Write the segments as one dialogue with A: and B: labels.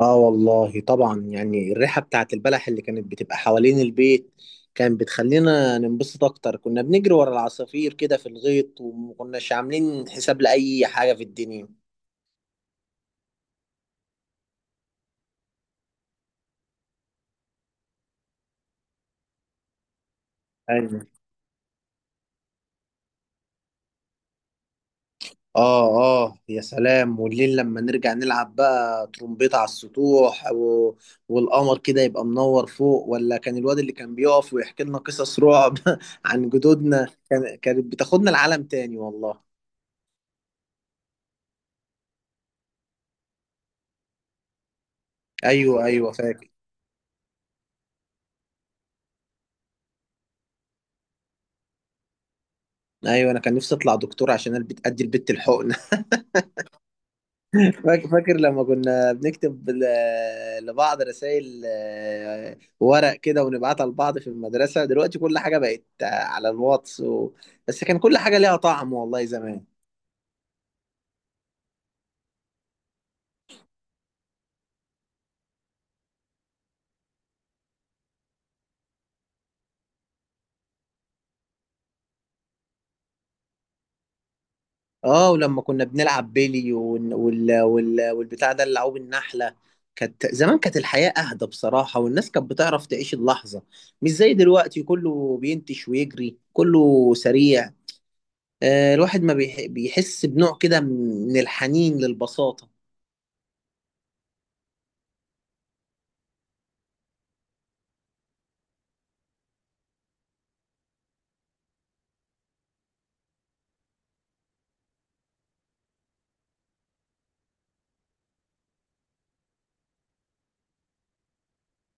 A: اه والله طبعا، يعني الريحة بتاعت البلح اللي كانت بتبقى حوالين البيت كانت بتخلينا ننبسط اكتر. كنا بنجري ورا العصافير كده في الغيط ومكناش عاملين حساب لأي حاجة في الدنيا. ايوه. اه. اه يا سلام، والليل لما نرجع نلعب بقى ترومبيت على السطوح، والقمر كده يبقى منور فوق، ولا كان الواد اللي كان بيقف ويحكي لنا قصص رعب عن جدودنا كانت بتاخدنا لعالم تاني والله. ايوه ايوه فاكر. ايوه انا كان نفسي اطلع دكتور عشان انا ادي البت الحقن. فاكر لما كنا بنكتب لبعض رسائل ورق كده ونبعتها لبعض في المدرسه. دلوقتي كل حاجه بقت على الواتس بس كان كل حاجه ليها طعم والله زمان. اه، ولما كنا بنلعب بيلي والبتاع ده اللي عوب النحله. كانت الحياه اهدى بصراحه، والناس كانت بتعرف تعيش اللحظه، مش زي دلوقتي كله بينتش ويجري كله سريع. الواحد ما بيحس بنوع كده من الحنين للبساطة.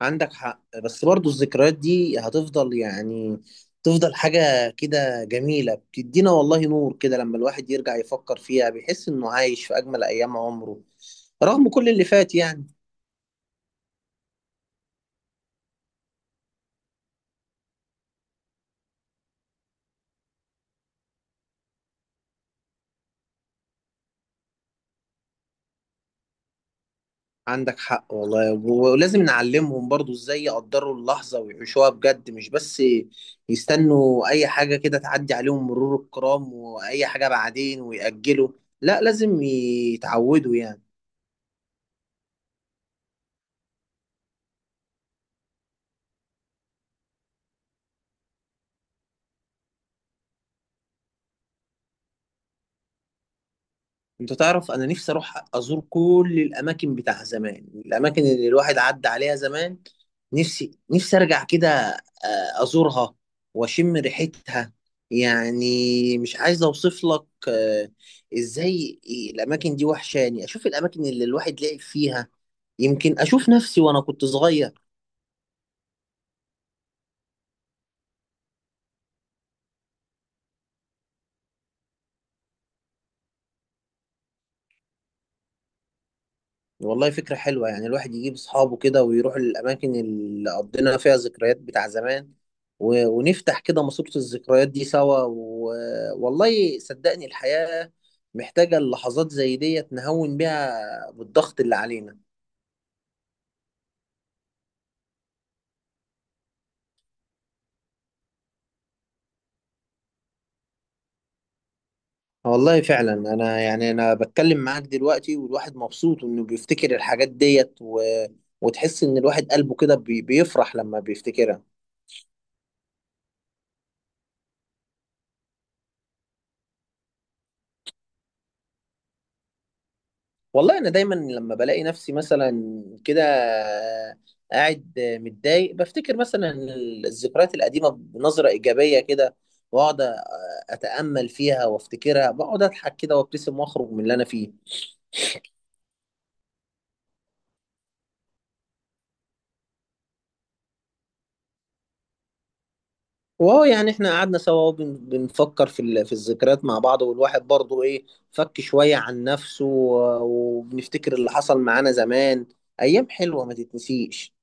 A: عندك حق، بس برضو الذكريات دي هتفضل، يعني تفضل حاجة كده جميلة بتدينا والله نور كده، لما الواحد يرجع يفكر فيها بيحس إنه عايش في أجمل أيام عمره رغم كل اللي فات يعني. عندك حق والله، ولازم نعلمهم برضو ازاي يقدروا اللحظة ويعيشوها بجد، مش بس يستنوا اي حاجة كده تعدي عليهم مرور الكرام، واي حاجة بعدين ويأجلوا. لا، لازم يتعودوا يعني. انت تعرف انا نفسي اروح ازور كل الاماكن بتاع زمان، الاماكن اللي الواحد عدى عليها زمان. نفسي نفسي ارجع كده، ازورها، واشم ريحتها. يعني مش عايز اوصف لك ازاي الاماكن دي وحشاني، اشوف الاماكن اللي الواحد لعب فيها، يمكن اشوف نفسي وانا كنت صغير. والله فكرة حلوة، يعني الواحد يجيب أصحابه كده ويروح للأماكن اللي قضينا فيها ذكريات بتاع زمان، ونفتح كده ماسورة الذكريات دي سوا. والله صدقني، الحياة محتاجة اللحظات زي ديت نهون بيها بالضغط اللي علينا. والله فعلا، أنا يعني أنا بتكلم معاك دلوقتي والواحد مبسوط إنه بيفتكر الحاجات ديت، وتحس إن الواحد قلبه كده بيفرح لما بيفتكرها. والله انا دايما لما بلاقي نفسي مثلا كده قاعد متضايق، بفتكر مثلا الذكريات القديمه بنظره ايجابيه كده، واقعد اتامل فيها وافتكرها، بقعد اضحك كده وابتسم واخرج من اللي انا فيه. وهو يعني احنا قعدنا سوا بنفكر في الذكريات مع بعض، والواحد برضه ايه، فك شويه عن نفسه، وبنفتكر اللي حصل معانا زمان، ايام حلوه ما تتنسيش.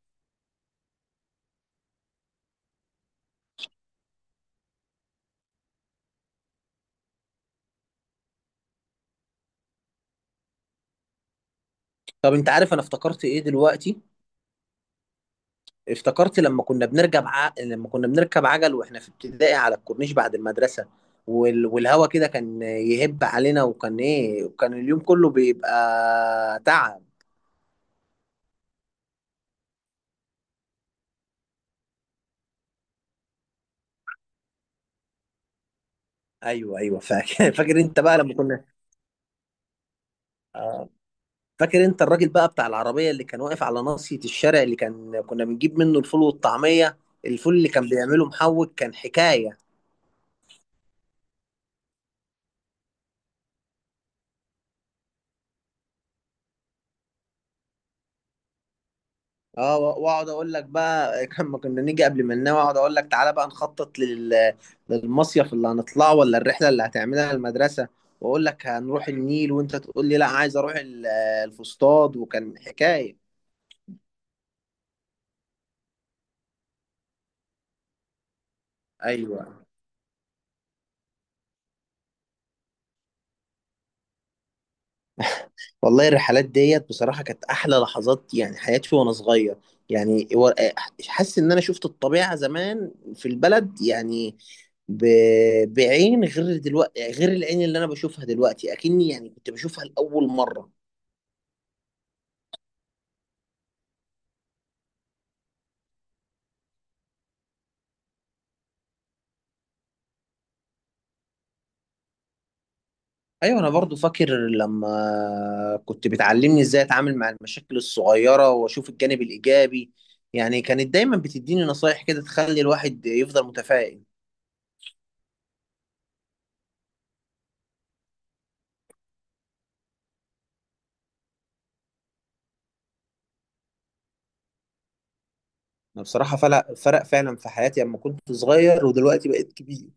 A: طب انت عارف انا افتكرت ايه دلوقتي؟ افتكرت لما كنا بنركب عجل واحنا في ابتدائي على الكورنيش بعد المدرسة، والهوا كده كان يهب علينا، وكان ايه، وكان اليوم كله بيبقى تعب. ايوه ايوه فاكر. فاكر انت بقى لما كنا. آه. فاكر انت الراجل بقى بتاع العربية اللي كان واقف على ناصية الشارع، اللي كان كنا بنجيب منه الفول والطعمية. الفول اللي كان بيعمله محوج كان حكاية. اه، واقعد اقول لك بقى لما كنا نيجي قبل ما ننام، اقعد اقول لك تعالى بقى نخطط للمصيف اللي هنطلعه، ولا الرحله اللي هتعملها المدرسه. واقول لك هنروح النيل، وانت تقول لي لا عايز اروح الفسطاط وكان حكايه. ايوه. والله الرحلات ديت بصراحه كانت احلى لحظات يعني حياتي وانا صغير، يعني حاسس ان انا شفت الطبيعه زمان في البلد، يعني ب... بعين غير دلوقتي، غير العين اللي انا بشوفها دلوقتي، اكني يعني كنت بشوفها لاول مره. ايوه انا برضو فاكر لما كنت بتعلمني ازاي اتعامل مع المشاكل الصغيره واشوف الجانب الايجابي. يعني كانت دايما بتديني نصايح كده تخلي الواحد يفضل متفائل. انا بصراحه فرق فرق فعلا في حياتي، لما كنت صغير ودلوقتي بقيت كبير.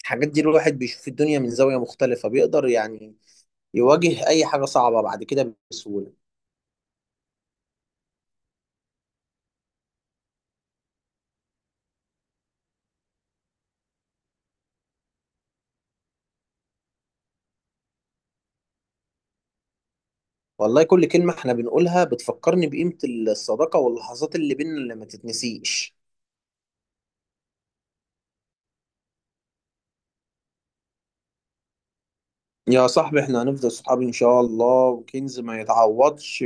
A: الحاجات دي الواحد بيشوف الدنيا من زاويه مختلفه، بيقدر يعني يواجه اي حاجه صعبه بعد كده بسهوله. والله كل كلمه احنا بنقولها بتفكرني بقيمه الصداقه واللحظات اللي بينا اللي ما تتنسيش. يا صاحبي، احنا هنفضل صحاب ان شاء الله، وكنز ما يتعوضش.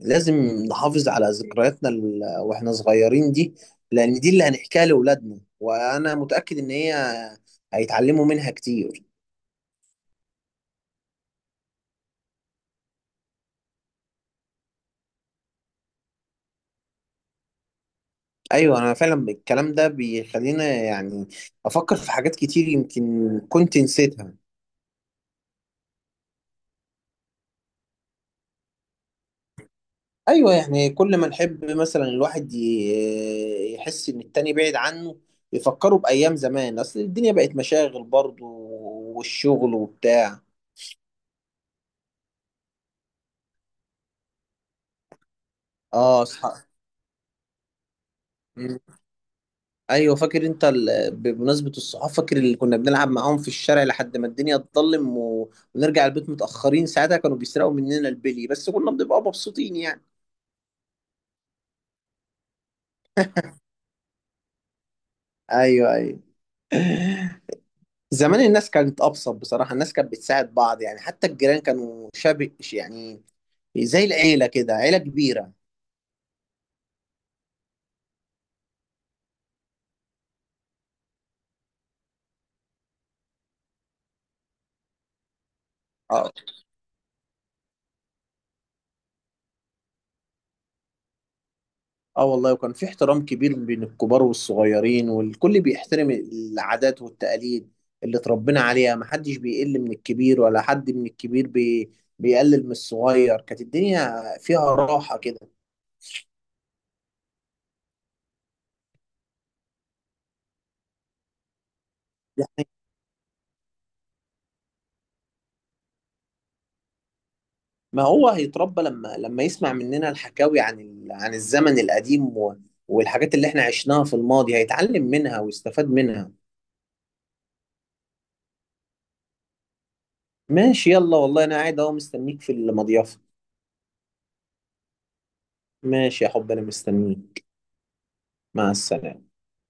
A: لازم نحافظ على ذكرياتنا واحنا صغيرين دي، لان دي اللي هنحكيها لاولادنا، وانا متأكد ان هي هيتعلموا منها كتير. ايوه انا فعلا الكلام ده بيخلينا يعني افكر في حاجات كتير يمكن كنت نسيتها. ايوه، يعني كل ما نحب مثلا الواحد يحس ان التاني بعيد عنه، يفكروا بأيام زمان، اصل الدنيا بقت مشاغل برضه والشغل وبتاع. اه. اصحاب. مم. ايوه فاكر انت بمناسبه الصحاب، فاكر اللي كنا بنلعب معاهم في الشارع لحد ما الدنيا تظلم، ونرجع البيت متاخرين. ساعتها كانوا بيسرقوا مننا البلي، بس كنا بنبقى مبسوطين يعني. ايوه ايوه. زمان الناس كانت ابسط بصراحه، الناس كانت بتساعد بعض يعني، حتى الجيران كانوا شبه يعني زي العيله كده، عيله كبيره. اه. اه والله، وكان في احترام كبير بين الكبار والصغيرين، والكل بيحترم العادات والتقاليد اللي اتربينا عليها. محدش بيقل من الكبير، ولا حد من الكبير بيقلل من الصغير. كانت الدنيا فيها راحة كده. يعني ما هو هيتربى لما يسمع مننا الحكاوي عن عن الزمن القديم، والحاجات اللي احنا عشناها في الماضي هيتعلم منها ويستفاد منها. ماشي يلا، والله انا قاعد اهو مستنيك في المضيافة. ماشي يا حب، انا مستنيك. مع السلامة.